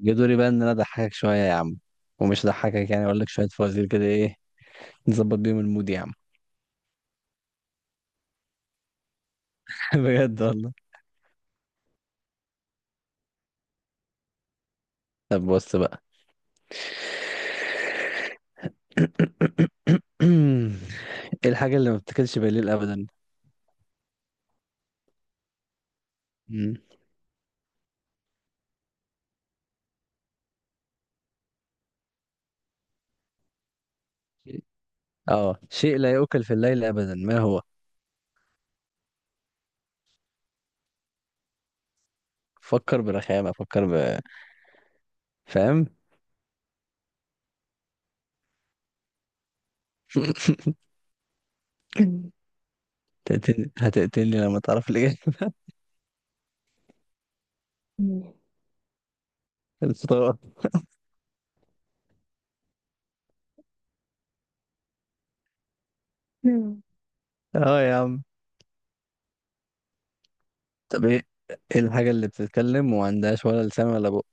جه دوري بقى ان انا اضحكك شويه يا عم. ومش اضحكك، يعني اقول لك شويه فوازير كده، ايه؟ نظبط بيهم المود يا عم. بجد والله. طب بص بقى. ايه الحاجه اللي ما بتاكلش بالليل ابدا؟ مم. اه، شيء لا يؤكل في الليل ابدا، ما هو؟ فكر برخامه، فاهم؟ هتقتلني هتقتلني لما تعرف الاجابه. الفطار. اه يا عم. طب ايه الحاجه اللي بتتكلم وما عندهاش ولا لسان ولا بق؟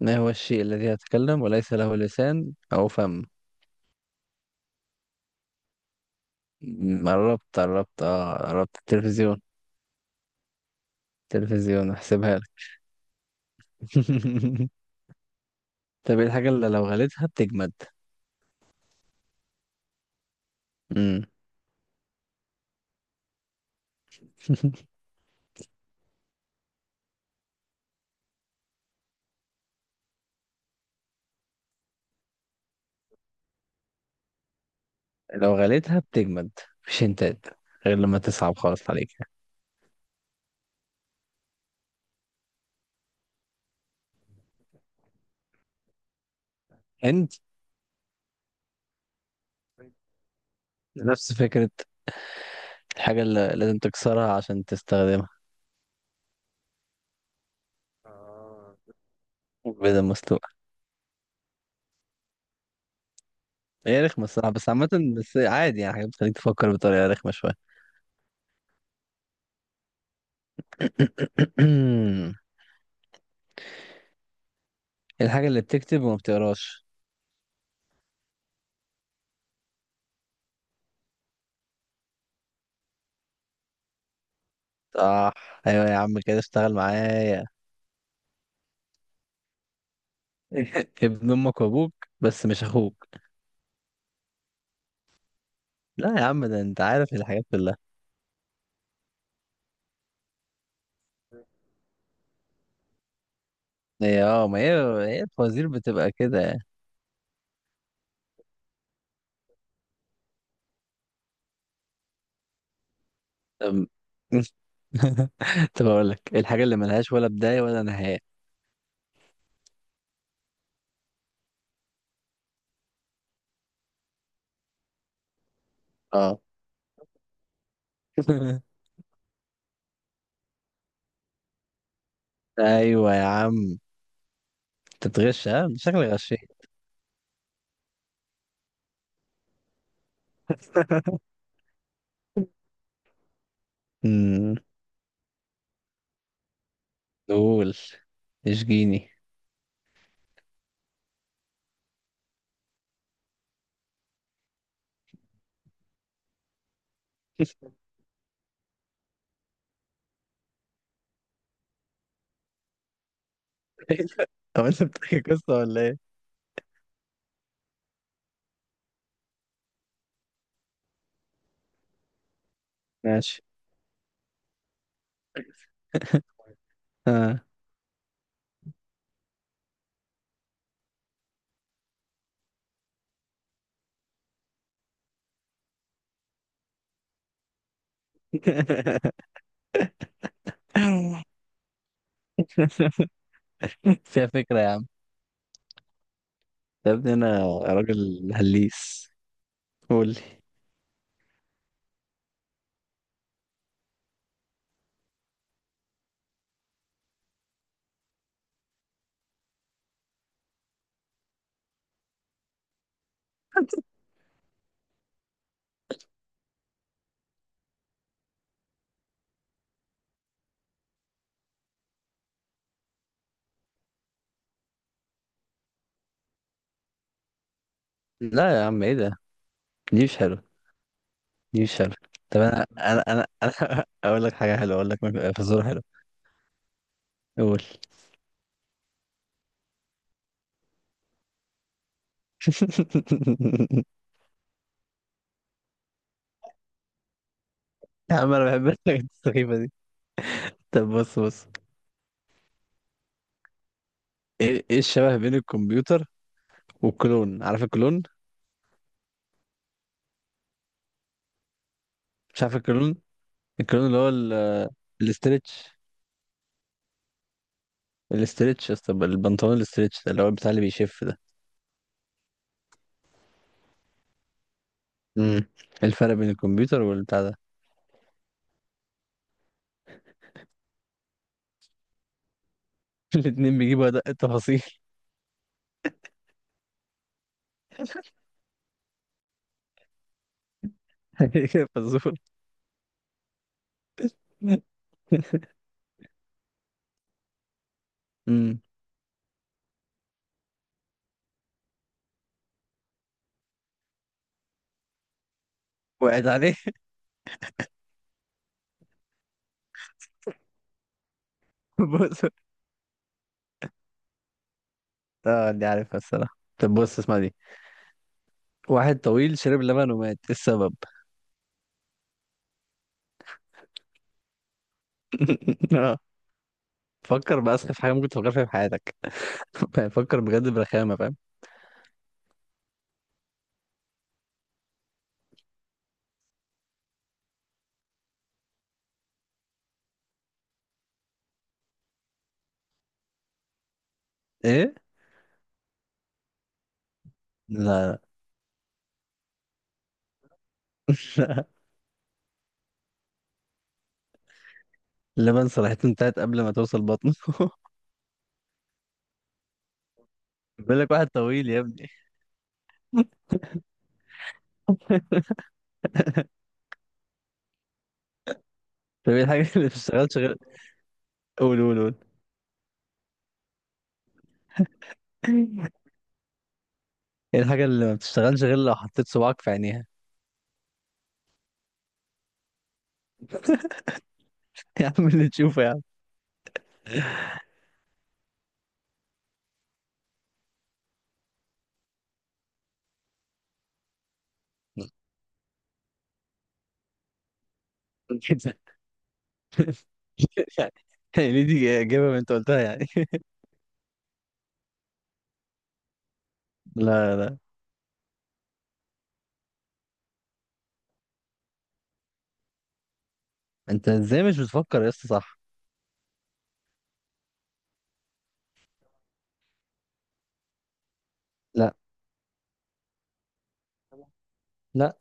ما هو الشيء الذي يتكلم وليس له لسان أو فم؟ قربت قربت، اه قربت، التلفزيون. تلفزيون، احسبها لك. طب ايه الحاجة اللي لو غليتها بتجمد؟ مم. لو غليتها بتجمد، مفيش هنتات، غير لما تصعب خالص عليك. هند. نفس فكرة. الحاجة اللي لازم تكسرها عشان تستخدمها. آه، بيضة مسلوقة. هي رخمة الصراحة، بس عامة، بس عادي، يعني حاجة بتخليك تفكر بطريقة رخمة شوية. الحاجة اللي بتكتب وما بتقراش؟ صح. ايوه يا عم، كده اشتغل معايا. ابن امك وابوك، بس مش اخوك. لا يا عم، ده انت عارف الحاجات كلها. هي ما هي، هي الفوازير بتبقى كده يعني. طب. طب اقول لك الحاجه اللي ملهاش ولا بدايه ولا نهايه. اه. ايوه يا عم. انت بتغش؟ ها، شكلك غشيت. امم قول، اشجيني. طب انت بتحكي قصه ولا ايه؟ ماشي. اه. فيها فكرة يا عم. يا ابني، انا راجل هليس. قول لي. لا يا عم، ايه ده؟ دي مش حلوة. دي مش حلوة. طب أنا اقول لك حاجة حلوة، اقول لك. فزورة حلوة. قول. يا عم، انا بحب الحاجات السخيفة دي. طب بص بص. ايه الشبه بين الكمبيوتر والكلون؟ عارف الكلون؟ مش عارف الكلون؟ الكلون اللي هو الاسترتش الاسترتش يا اسطى، البنطلون الاسترتش ده، اللي هو بتاع اللي بيشف ده. امم الفرق بين الكمبيوتر والبتاع ده. الاتنين بيجيبوا أدق التفاصيل. فزور. امم وقعت عليه. بص. اه، دي عارفها الصراحة. طب بص، اسمع دي. واحد طويل شرب لبن ومات، إيه السبب؟ اه. فكر بأسخف حاجة ممكن تفكر فيها في حياتك. فكر بجد، برخامة، فاهم؟ ايه، لا. لا، اللبن صراحة انتهت قبل ما توصل بطنه. بيقول لك واحد طويل يا ابني. طب ايه الحاجة اللي ما بتشتغلش غير؟ قول قول قول. ايه الحاجة اللي ما بتشتغلش غير لو حطيت صباعك في عينيها؟ يا عم، اللي تشوفه يا عم. يعني دي إجابة أنت قلتها يعني. لا لا. أنت إزاي مش بتفكر يا اسطى، صح؟ لا لا،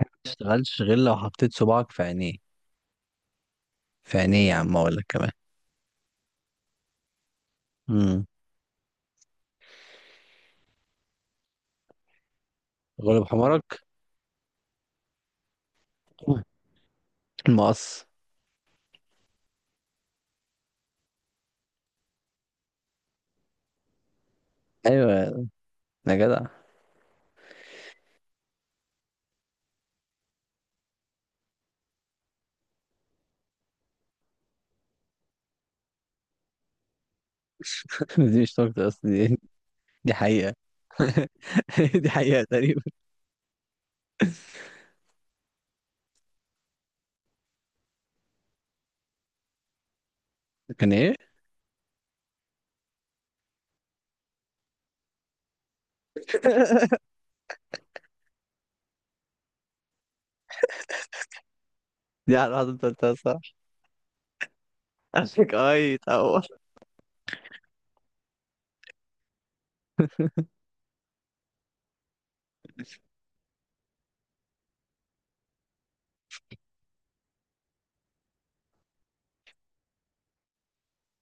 ما تشتغلش غير لو حطيت صباعك في عينيه. في عينيه يا عم، أقول لك كمان. امم غلب حمارك. المقص. أيوة يا جدع. دي مش نكتة أصلا، دي. دي حقيقة. دي حقيقة تقريبا. كان إيه؟ دي على واحدة أنت قلتها، صح؟ عشانك أي تعور.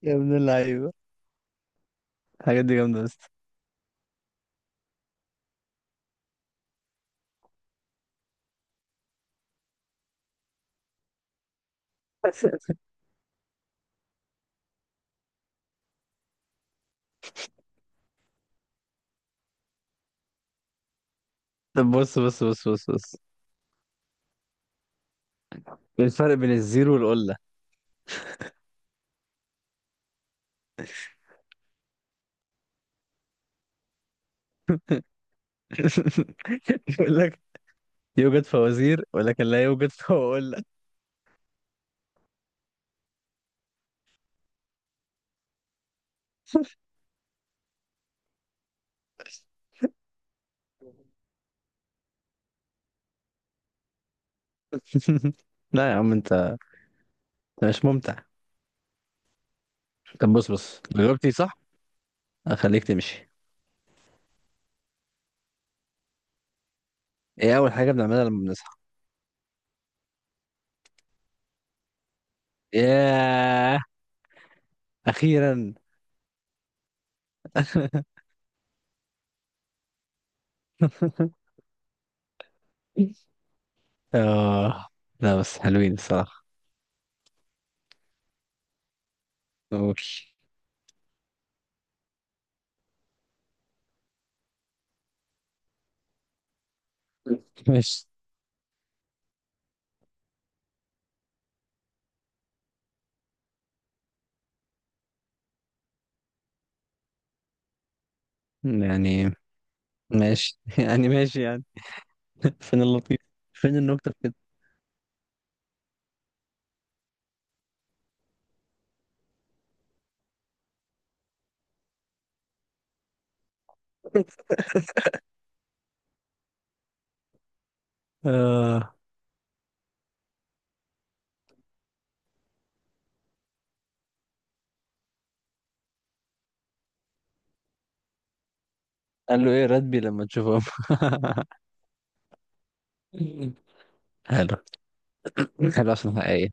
يا ابن اللعيبة، الحاجات دي جامدة بس. طب بص بص بص بص بص. إيه الفرق بين الزيرو والقلة؟ يقول لك يوجد فوازير ولكن لا يوجد فوازير. لا يا عم، انت مش ممتع. طب بص بص، لو جاوبتي صح هخليك تمشي. ايه اول حاجه بنعملها لما بنصحى؟ ياه، اخيرا. اه لا، بس حلوين الصراحه. اوكي. ماشي يعني ماشي. يعني ماشي يعني. فين اللطيف، فين النكته في كده؟ آه. قال له ايه راتبي لما تشوفه. حلو. حلو عشان حقيقي.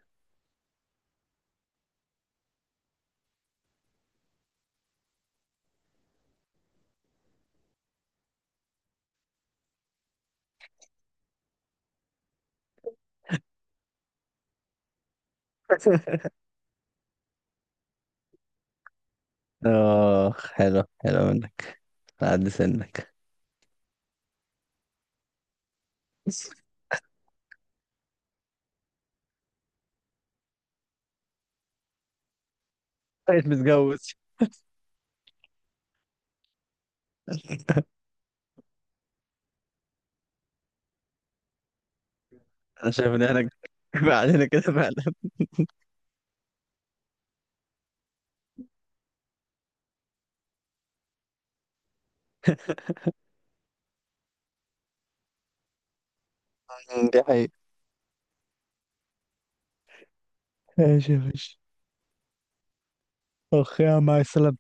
اه، حلو حلو منك على قد سنك. بقيت متجوز. انا شايف ان احنا كفاية علينا كده فعلا. دي حقيقة. ماشي يا باشا. اخ يا عم، مع السلامة.